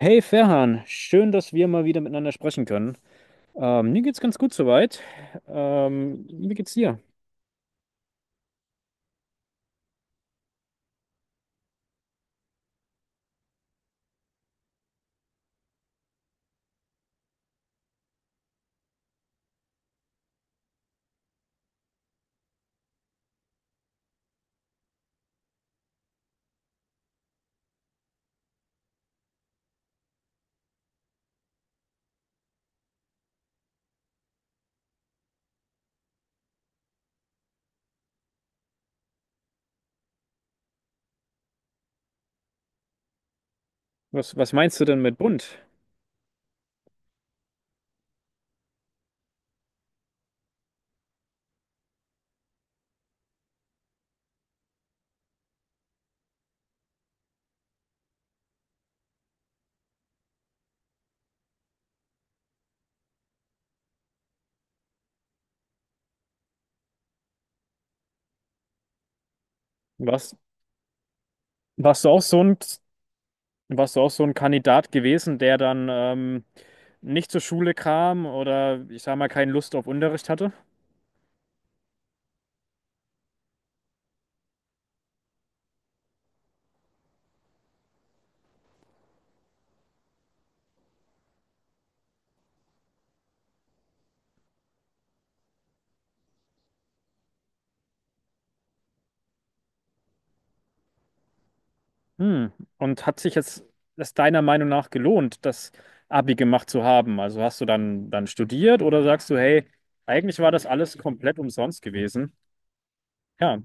Hey Ferhan, schön, dass wir mal wieder miteinander sprechen können. Mir geht's ganz gut soweit. Wie geht's dir? Was meinst du denn mit bunt? Warst, warst du auch so ein, Warst du auch so ein Kandidat gewesen, der dann nicht zur Schule kam oder ich sag mal keine Lust auf Unterricht hatte? Hm. Und hat sich jetzt es deiner Meinung nach gelohnt, das Abi gemacht zu haben? Also hast du dann studiert oder sagst du, hey, eigentlich war das alles komplett umsonst gewesen? Ja,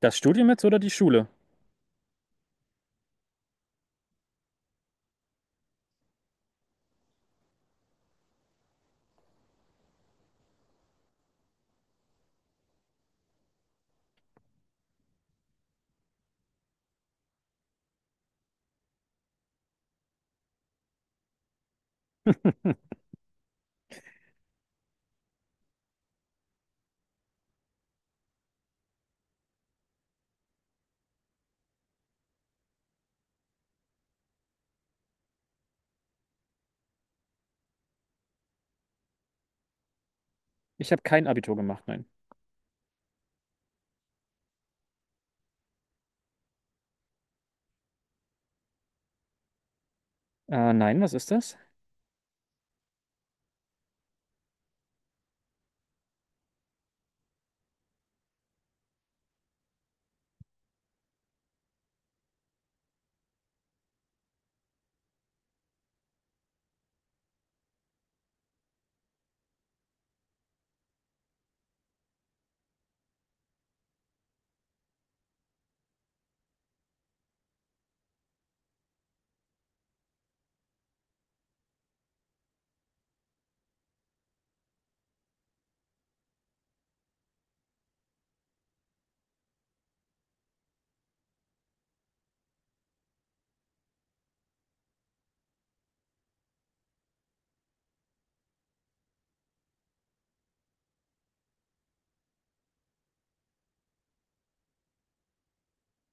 das Studium jetzt oder die Schule? Ich habe kein Abitur gemacht, nein. Nein, was ist das?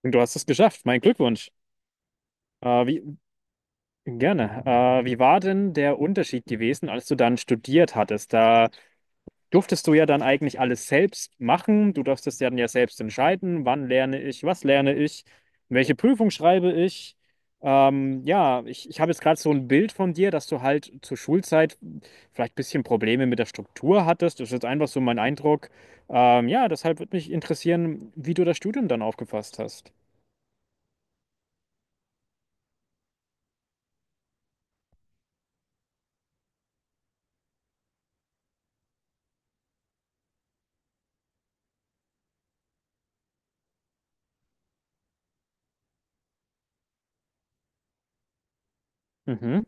Du hast es geschafft, mein Glückwunsch. Äh, wie, Gerne. Wie war denn der Unterschied gewesen, als du dann studiert hattest? Da durftest du ja dann eigentlich alles selbst machen. Du durftest ja dann ja selbst entscheiden, wann lerne ich, was lerne ich, welche Prüfung schreibe ich. Ja, ich habe jetzt gerade so ein Bild von dir, dass du halt zur Schulzeit vielleicht ein bisschen Probleme mit der Struktur hattest. Das ist jetzt einfach so mein Eindruck. Ja, deshalb würde mich interessieren, wie du das Studium dann aufgefasst hast. Mhm.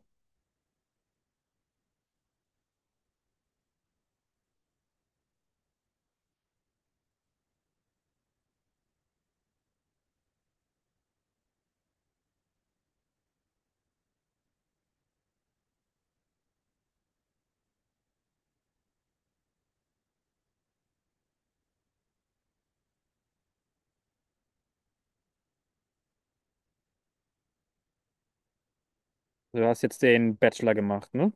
Du hast jetzt den Bachelor gemacht, ne?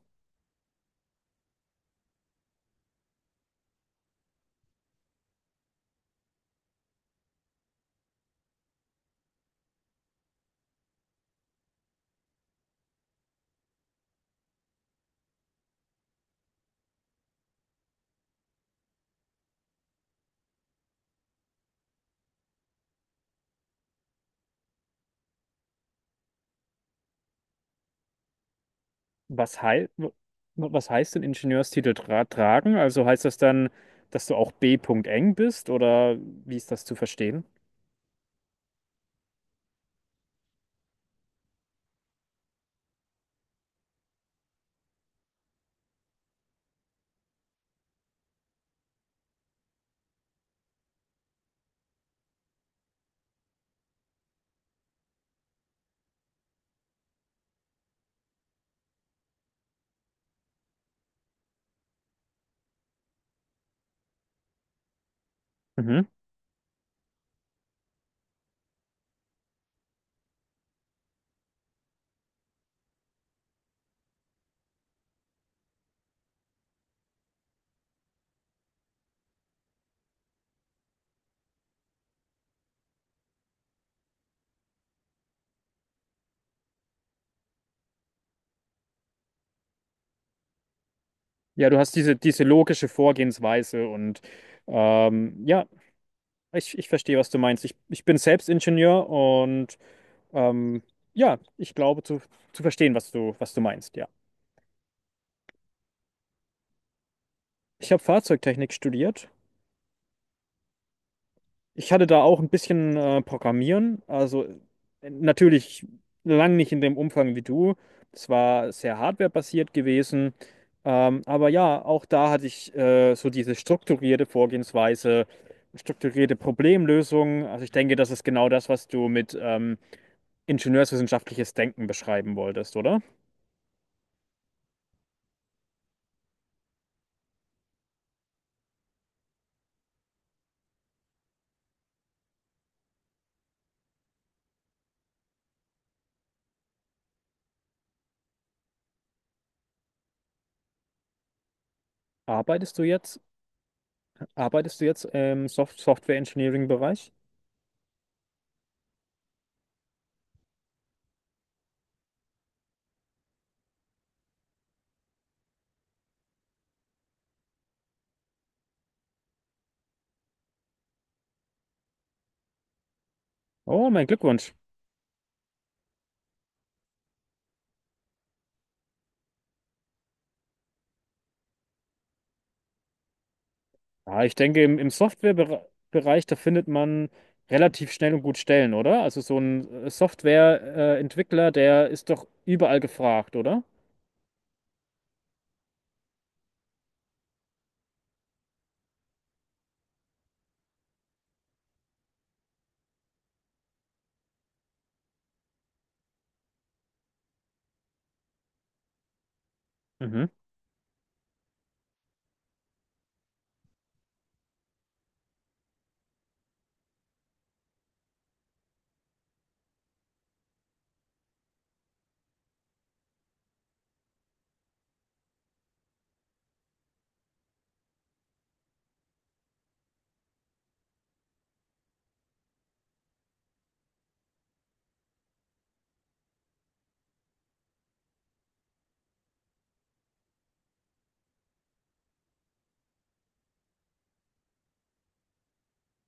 Was, hei w- was heißt denn Ingenieurstitel tragen? Also heißt das dann, dass du auch B.Eng. bist oder wie ist das zu verstehen? Mhm. Ja, du hast diese logische Vorgehensweise und ja, ich verstehe, was du meinst. Ich bin selbst Ingenieur und ähm, ja, ich glaube zu verstehen, was du meinst, ja. Ich habe Fahrzeugtechnik studiert. Ich hatte da auch ein bisschen Programmieren, also natürlich lang nicht in dem Umfang wie du. Es war sehr hardwarebasiert gewesen, aber ja, auch da hatte ich so diese strukturierte Vorgehensweise, strukturierte Problemlösung. Also ich denke, das ist genau das, was du mit ingenieurswissenschaftliches Denken beschreiben wolltest, oder? Arbeitest du jetzt, arbeitest du jetzt im Software Engineering Bereich? Oh, mein Glückwunsch. Ja, ich denke, im Softwarebereich, da findet man relativ schnell und gut Stellen, oder? Also so ein Softwareentwickler, der ist doch überall gefragt, oder? Mhm.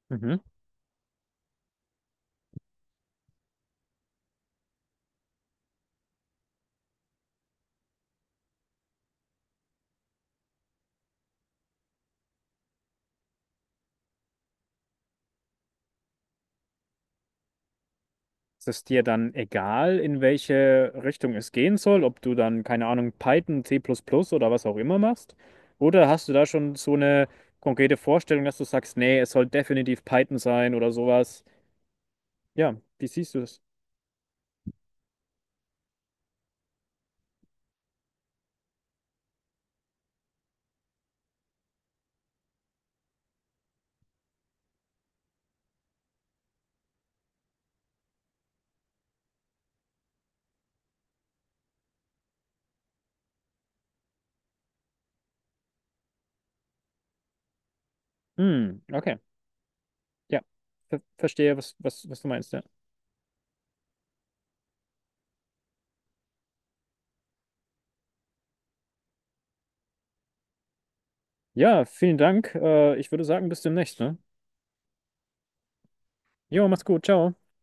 Mhm. Ist es dir dann egal, in welche Richtung es gehen soll, ob du dann, keine Ahnung, Python, C++ oder was auch immer machst? Oder hast du da schon so eine konkrete Vorstellung, dass du sagst, nee, es soll definitiv Python sein oder sowas? Ja, wie siehst du das? Hm, okay. Ja, verstehe, was du meinst, ja. Ja, vielen Dank. Ich würde sagen, bis demnächst, ne? Jo, mach's gut. Ciao.